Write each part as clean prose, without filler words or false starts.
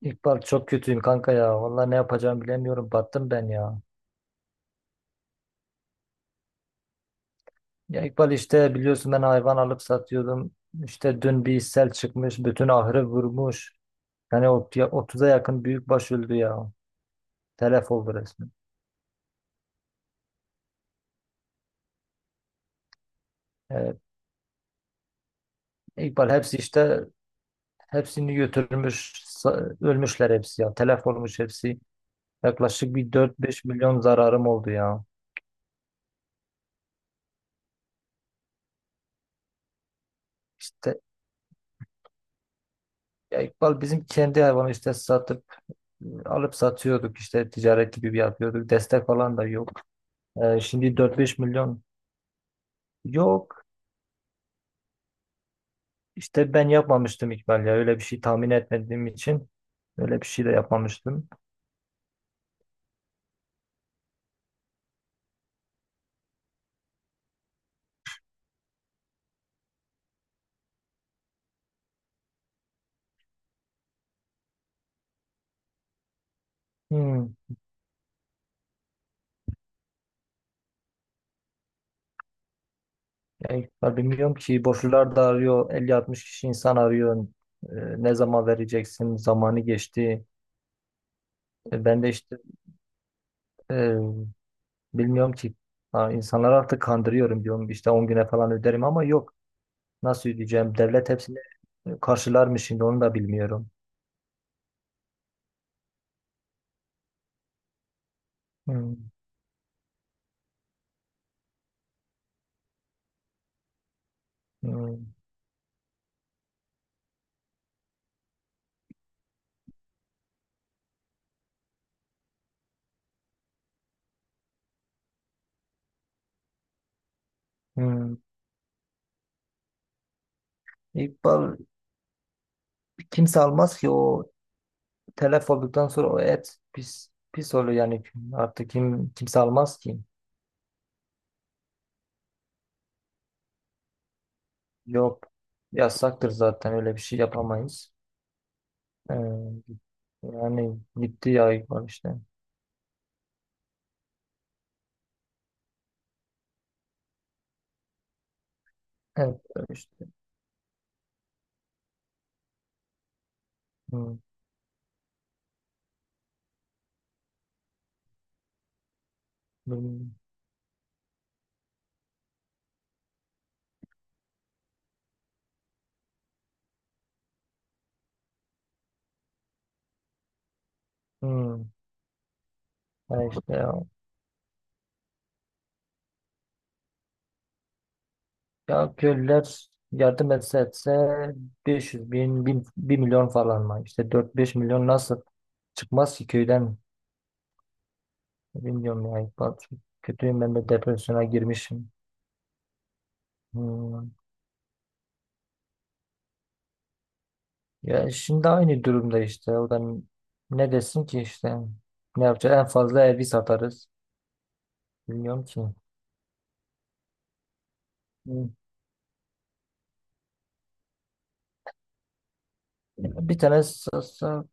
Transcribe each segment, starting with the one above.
İkbal, çok kötüyüm kanka ya. Vallahi ne yapacağımı bilemiyorum. Battım ben ya. Ya İkbal, işte biliyorsun, ben hayvan alıp satıyordum. İşte dün bir sel çıkmış. Bütün ahırı vurmuş. Yani 30'a yakın büyükbaş öldü ya. Telef oldu resmen. Evet. İkbal hepsi işte, hepsini götürmüş. Ölmüşler hepsi ya. Telef olmuş hepsi. Yaklaşık bir 4-5 milyon zararım oldu ya. İşte ya İkbal, bizim kendi hayvanı işte satıp alıp satıyorduk, işte ticaret gibi bir yapıyorduk. Destek falan da yok. Şimdi 4-5 milyon yok. İşte ben yapmamıştım İkbal ya. Öyle bir şey tahmin etmediğim için öyle bir şey de yapmamıştım. Hmm. Ya İkbal, bilmiyorum ki, borçlular da arıyor. 50-60 kişi insan arıyor. Ee, Ne zaman vereceksin? Zamanı geçti. E, ben de işte, e, bilmiyorum ki. Ha, insanları artık kandırıyorum diyorum. İşte 10 güne falan öderim ama yok. Nasıl ödeyeceğim? Devlet hepsini karşılar mı şimdi, onu da bilmiyorum. Hmm. Hmm. Hmm. İkbal, kimse almaz ki o, telef olduktan sonra o et pis pis oluyor yani, artık kimse almaz ki. Yok, yasaktır zaten, öyle bir şey yapamayız. Ee, Yani gitti ya, var işte. Evet, işte. Hmm, bilmiyorum. Hmm, ha işte ya. Ya köylüler yardım etse etse 500 bin, 1-1 milyon falan mı? İşte 4-5 milyon nasıl çıkmaz ki köyden? Bilmiyorum ya, İkbal. Çok kötüyüm, ben de depresyona girmişim. Hmm. Ya şimdi aynı durumda işte. O da ne desin ki işte. Ne yapacağız? En fazla evi satarız. Bilmiyorum ki. Hı. Bir tane satsak.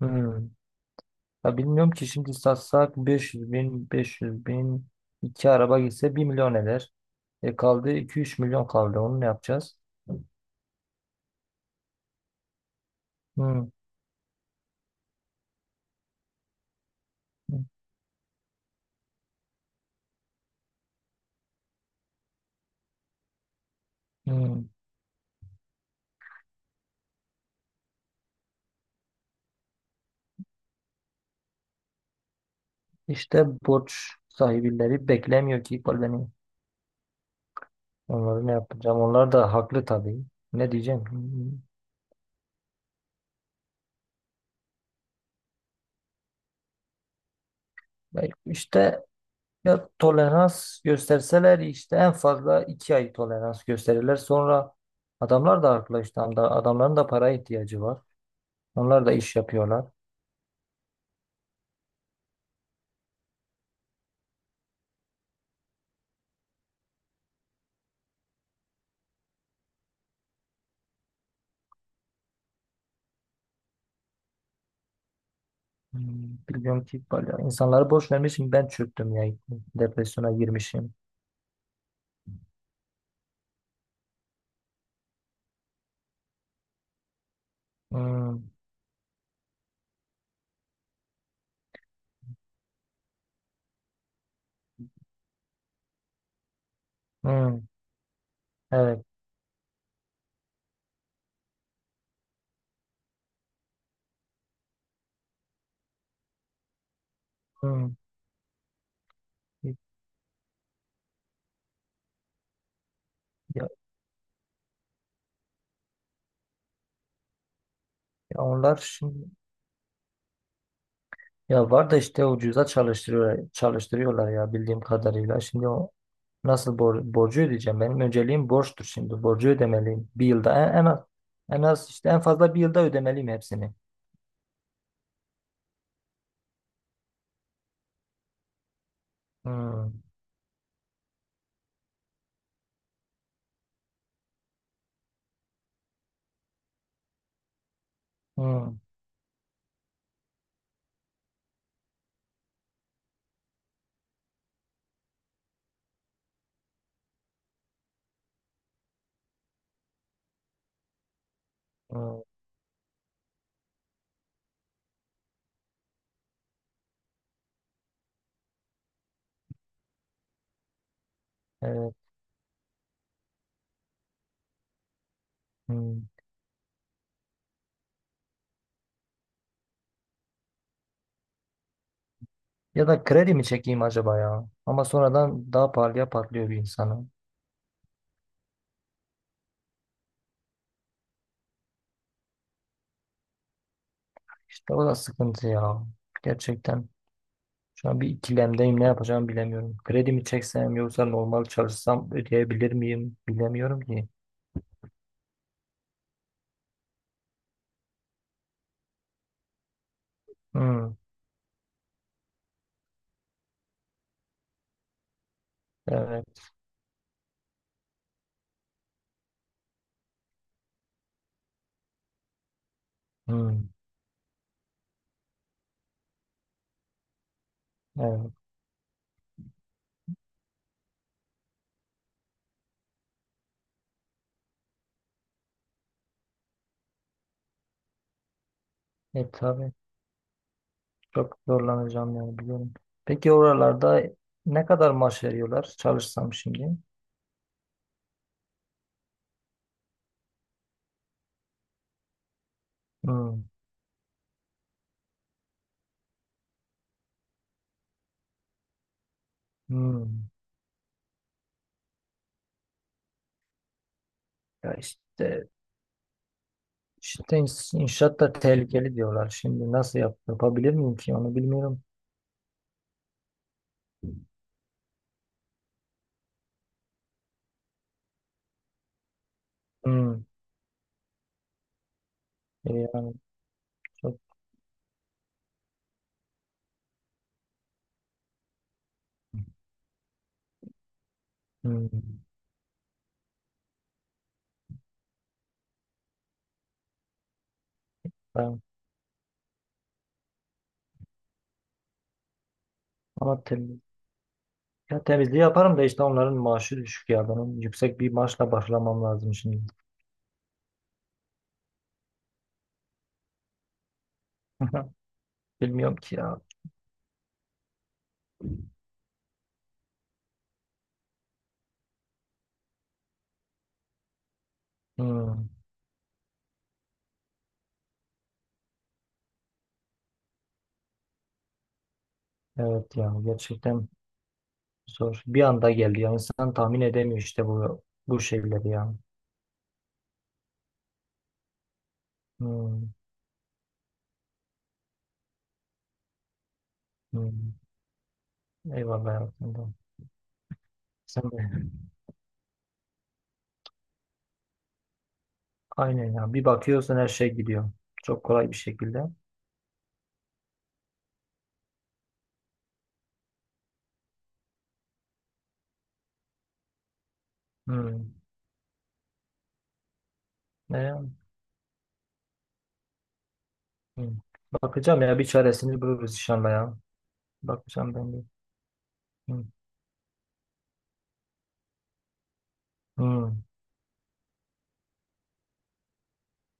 Hmm. Ya bilmiyorum ki, şimdi satsak 500 bin, 500 bin, iki araba gitse 1 milyon eder. E kaldı iki üç milyon kaldı. Onu ne yapacağız? Hmm. Hmm. İşte borç sahibileri beklemiyor ki beni. Onları ne yapacağım? Onlar da haklı tabii. Ne diyeceğim? Hmm. Ya İşte Ya tolerans gösterseler, işte en fazla 2 ay tolerans gösterirler. Sonra adamlar da haklı işte. Adamların da para ihtiyacı var. Onlar da iş yapıyorlar. Hmm, bilmiyorum ki, bayağı insanları boş vermişim. Ben çöktüm ya. Depresyona girmişim. Hmm, hmm, evet. Hmm. Ya, ya onlar şimdi, ya var da işte ucuza çalıştırıyorlar ya, bildiğim kadarıyla. Şimdi o, nasıl borcu ödeyeceğim? Benim önceliğim borçtur şimdi. Borcu ödemeliyim. Bir yılda en, en az en az işte en fazla 1 yılda ödemeliyim hepsini. Hmm, hmm, hmm, evet, hmm. Ya da kredi mi çekeyim acaba ya? Ama sonradan daha pahalıya patlıyor bir insanı. İşte o da sıkıntı ya. Gerçekten şu an bir ikilemdeyim. Ne yapacağımı bilemiyorum. Kredi mi çeksem, yoksa normal çalışsam ödeyebilir miyim? Bilemiyorum ki. Hmm, evet. Hmm, evet. E tabii. Çok zorlanacağım yani, biliyorum. Peki oralarda ne kadar maaş veriyorlar, çalışsam şimdi? Hmm, hmm. Ya işte inşaat da tehlikeli diyorlar. Şimdi nasıl yapabilir miyim ki onu, bilmiyorum. Hmm. E ya, çok hmm. Ben ama tem ya temizliği yaparım da işte onların maaşı düşük ya. Benim yüksek bir maaşla başlamam lazım şimdi. Bilmiyorum ki ya. Hmm. Evet ya, gerçekten zor. Bir anda geldi. Yani insan tahmin edemiyor işte bu şeyleri ya. Hmm, hmm. Eyvallah ya. Tamam. Sen de. Aynen ya. Bir bakıyorsun, her şey gidiyor. Çok kolay bir şekilde. Hmm. Ne? Ya? Hmm. Bakacağım ya. Bir çaresini buluruz inşallah ya. Bakacağım ben de. Hmm. Hmm.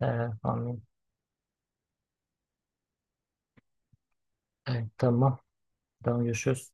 Ee, Amin. Evet, tamam. Tamam, görüşürüz.